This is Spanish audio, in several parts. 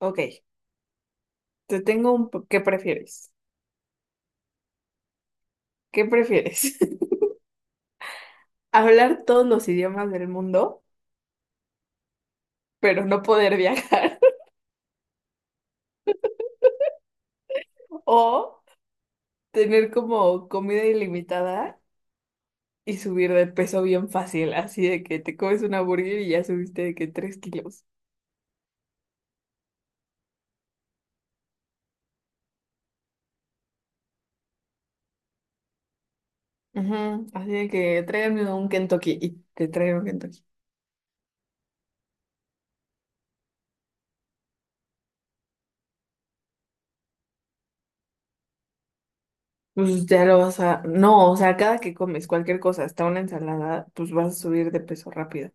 Ok, te tengo un po- ¿Qué prefieres? ¿Qué prefieres? ¿Hablar todos los idiomas del mundo, pero no poder viajar? ¿O tener como comida ilimitada y subir de peso bien fácil? Así de que te comes una burger y ya subiste de que 3 kilos. Ujú, así de que tráigame un Kentucky y te traigo un Kentucky. Pues ya lo vas a. No, o sea, cada que comes cualquier cosa, hasta una ensalada, pues vas a subir de peso rápido.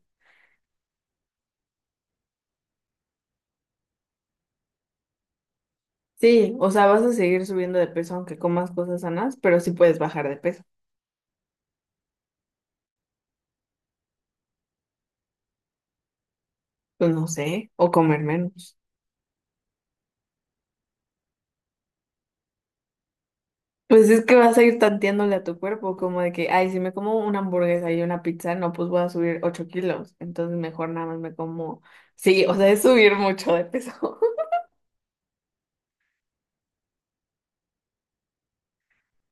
Sí, o sea, vas a seguir subiendo de peso aunque comas cosas sanas, pero sí puedes bajar de peso. Pues no sé, o comer menos. Pues es que vas a ir tanteándole a tu cuerpo, como de que, ay, si me como una hamburguesa y una pizza, no, pues voy a subir 8 kilos. Entonces mejor nada más me como. Sí, o sea, es subir mucho de peso.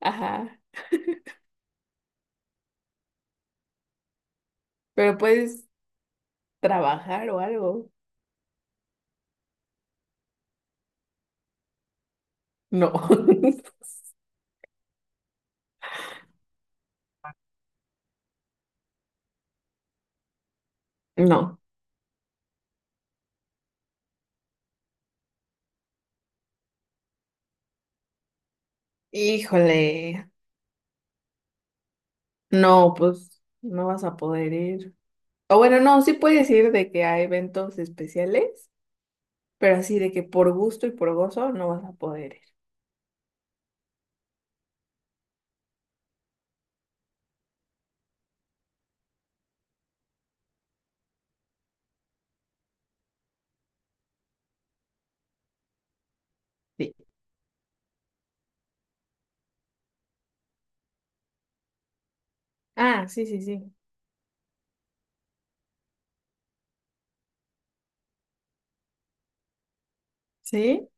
Ajá. Pero puedes trabajar o algo. No. No. Híjole. No, pues no vas a poder ir. O bueno, no, sí puedes ir de que a eventos especiales, pero así de que por gusto y por gozo no vas a poder ir. Sí. Ah, sí, sí, sí. ¿Sí?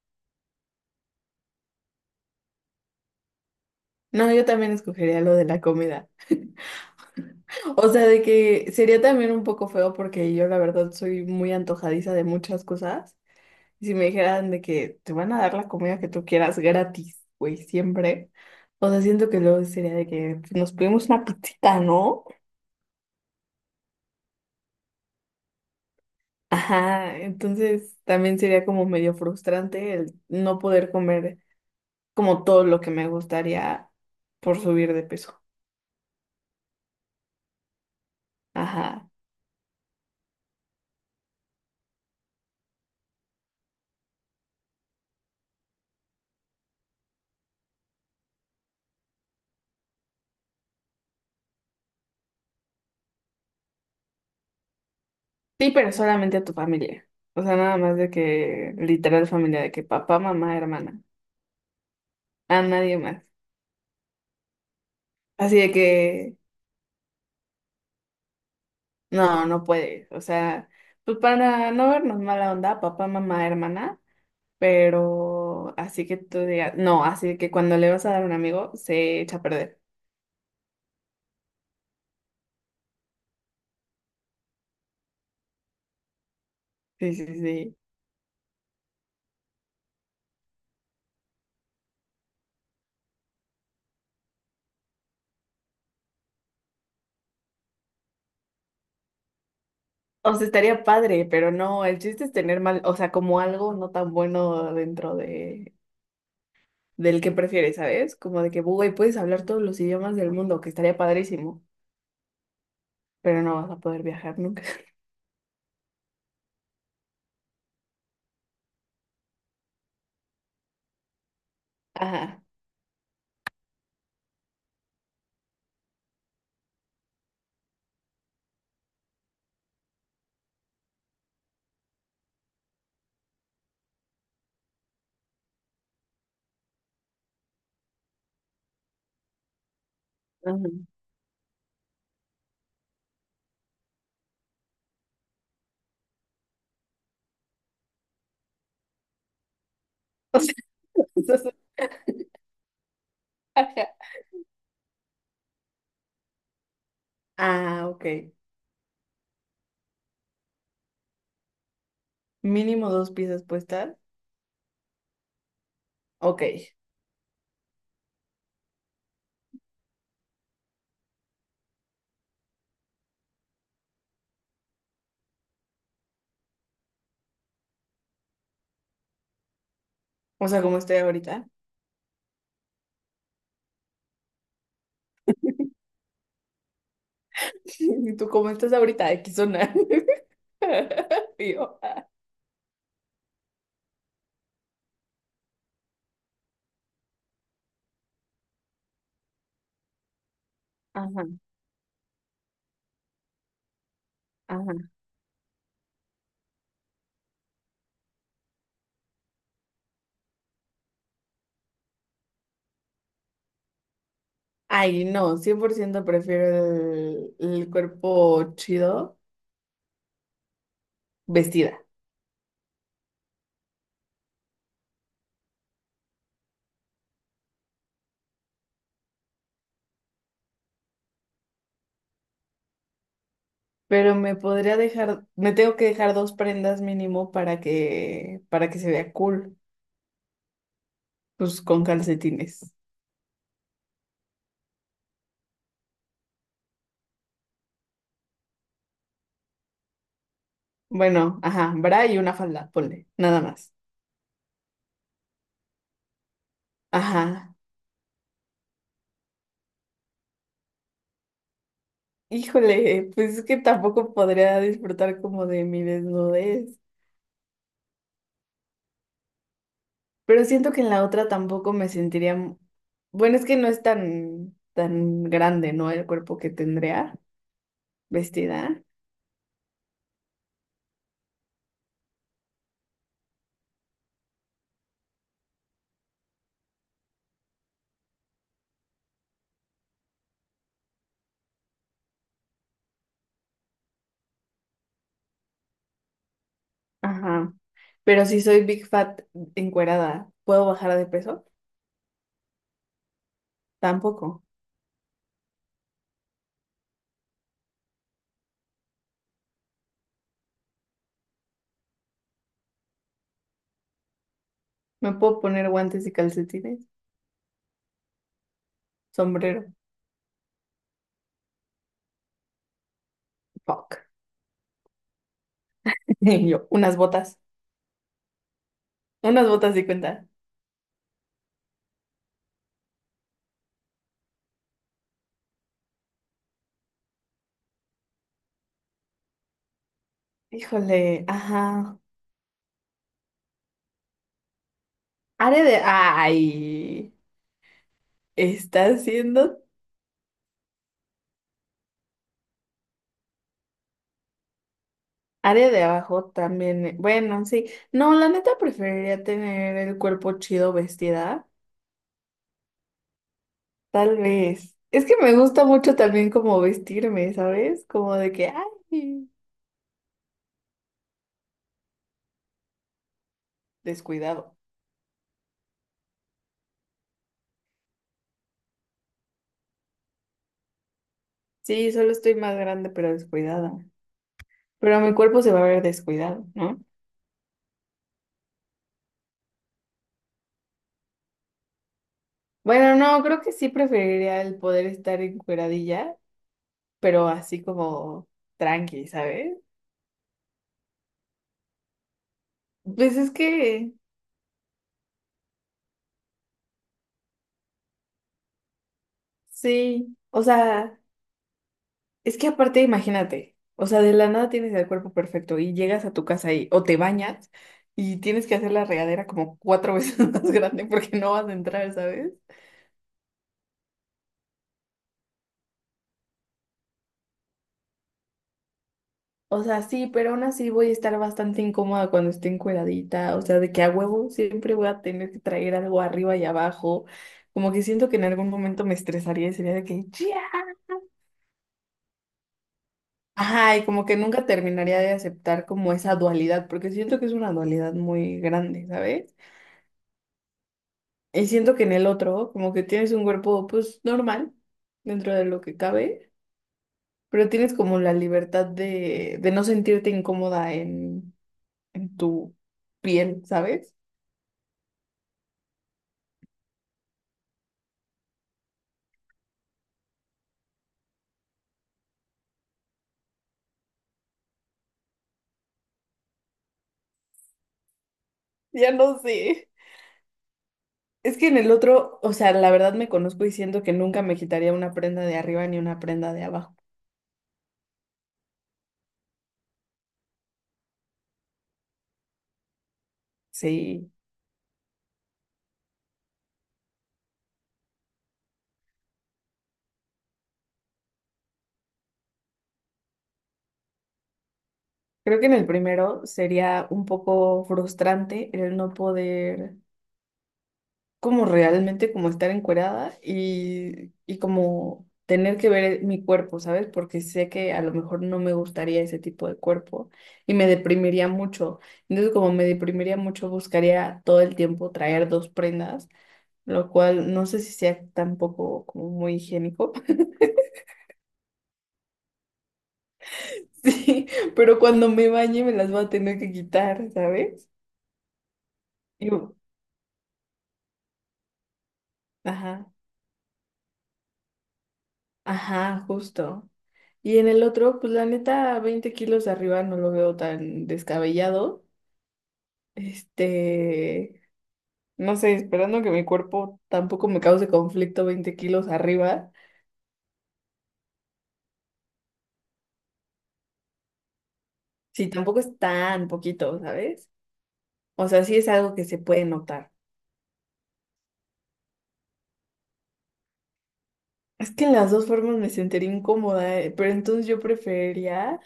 No, yo también escogería lo de la comida. O sea, de que sería también un poco feo porque yo la verdad soy muy antojadiza de muchas cosas. Y si me dijeran de que te van a dar la comida que tú quieras gratis, güey, siempre. O sea, siento que luego sería de que nos pedimos una pizzita, ¿no? Ajá, entonces también sería como medio frustrante el no poder comer como todo lo que me gustaría por subir de peso. Ajá. Sí, pero solamente a tu familia. O sea, nada más de que literal familia, de que papá, mamá, hermana, a nadie más. Así de que no, no puedes. O sea, pues para no vernos mala onda, papá, mamá, hermana, pero así que tú digas, no, así de que cuando le vas a dar a un amigo se echa a perder. Sí, sí, sí. O sea, estaría padre, pero no, el chiste es tener mal, o sea, como algo no tan bueno dentro de del que prefieres, ¿sabes? Como de que, güey, puedes hablar todos los idiomas del mundo, que estaría padrísimo, pero no vas a poder viajar nunca. Ajá, ajá. O sea, eso es ajá. Ah, ok. Mínimo dos piezas puestas. Ok. O sea, como estoy ahorita. ¿Y tú cómo estás ahorita? X zona. Y yo, ah. Ajá, ajá. Ay, no, 100% prefiero el cuerpo chido vestida. Pero me podría dejar, me tengo que dejar dos prendas mínimo para que se vea cool, pues con calcetines. Bueno, ajá, bra y una falda, ponle, nada más. Ajá. Híjole, pues es que tampoco podría disfrutar como de mi desnudez. Pero siento que en la otra tampoco me sentiría. Bueno, es que no es tan, tan grande, ¿no? El cuerpo que tendría vestida. Ajá. Pero si soy big fat encuerada, ¿puedo bajar de peso? Tampoco. ¿Me puedo poner guantes y calcetines? Sombrero. Fuck. Y yo, unas botas. Unas botas y cuenta. Híjole, ajá. Área de. Ay, está haciendo. Área de abajo también. Bueno, sí. No, la neta preferiría tener el cuerpo chido vestida. Tal vez. Es que me gusta mucho también como vestirme, ¿sabes? Como de que, ay, descuidado. Sí, solo estoy más grande, pero descuidada. Pero mi cuerpo se va a ver descuidado, ¿no? Bueno, no, creo que sí preferiría el poder estar encueradilla, pero así como tranqui, ¿sabes? Pues es que sí, o sea, es que aparte imagínate, o sea, de la nada tienes el cuerpo perfecto y llegas a tu casa y o te bañas y tienes que hacer la regadera como cuatro veces más grande porque no vas a entrar, ¿sabes? O sea, sí, pero aún así voy a estar bastante incómoda cuando esté encueradita, o sea, de que a huevo siempre voy a tener que traer algo arriba y abajo, como que siento que en algún momento me estresaría y sería de que ya. Ajá, y como que nunca terminaría de aceptar como esa dualidad, porque siento que es una dualidad muy grande, ¿sabes? Y siento que en el otro, como que tienes un cuerpo, pues, normal, dentro de lo que cabe, pero tienes como la libertad de no sentirte incómoda en tu piel, ¿sabes? Ya no sé. Es que en el otro, o sea, la verdad me conozco y siento que nunca me quitaría una prenda de arriba ni una prenda de abajo. Sí. Creo que en el primero sería un poco frustrante el no poder como realmente como estar encuerada y como tener que ver mi cuerpo, ¿sabes? Porque sé que a lo mejor no me gustaría ese tipo de cuerpo y me deprimiría mucho. Entonces, como me deprimiría mucho, buscaría todo el tiempo traer dos prendas lo cual no sé si sea tampoco como muy higiénico, sí, pero cuando me bañe me las voy a tener que quitar, ¿sabes? Y yo, ajá, ajá, justo. Y en el otro, pues la neta, 20 kilos arriba no lo veo tan descabellado. Este, no sé, esperando que mi cuerpo tampoco me cause conflicto 20 kilos arriba, sí, tampoco es tan poquito, ¿sabes? O sea, sí es algo que se puede notar. Es que en las dos formas me sentiría incómoda, pero entonces yo preferiría.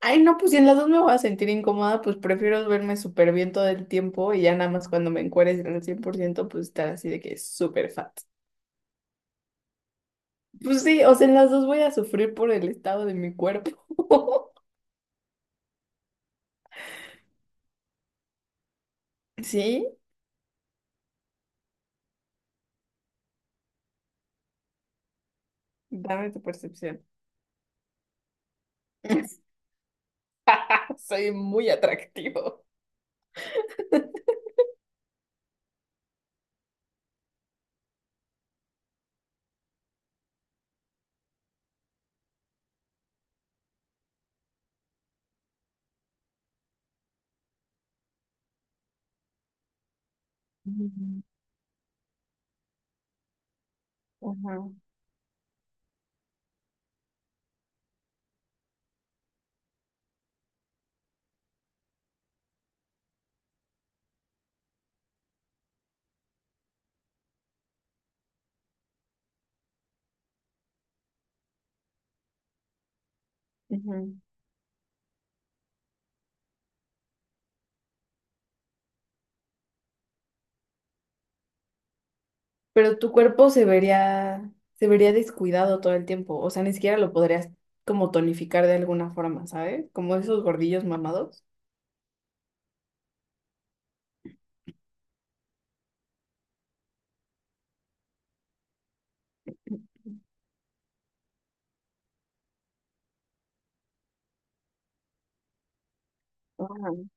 Ay, no, pues si en las dos me voy a sentir incómoda, pues prefiero verme súper bien todo el tiempo y ya nada más cuando me encueres en el 100%, pues estar así de que es súper fat. Pues sí, o sea, en las dos voy a sufrir por el estado de mi cuerpo. ¿Sí? Dame tu percepción. Soy muy atractivo. Ujú, ujú, ujú. Pero tu cuerpo se vería descuidado todo el tiempo. O sea, ni siquiera lo podrías como tonificar de alguna forma, ¿sabes? Como esos gordillos mamados. Ah,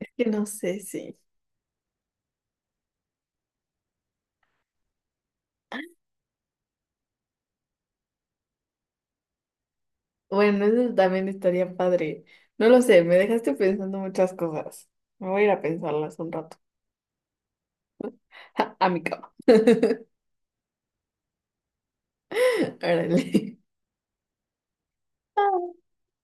es que no sé sí Bueno, eso también estaría padre. No lo sé, me dejaste pensando muchas cosas. Me voy a ir a pensarlas un rato. A mi cama. Órale.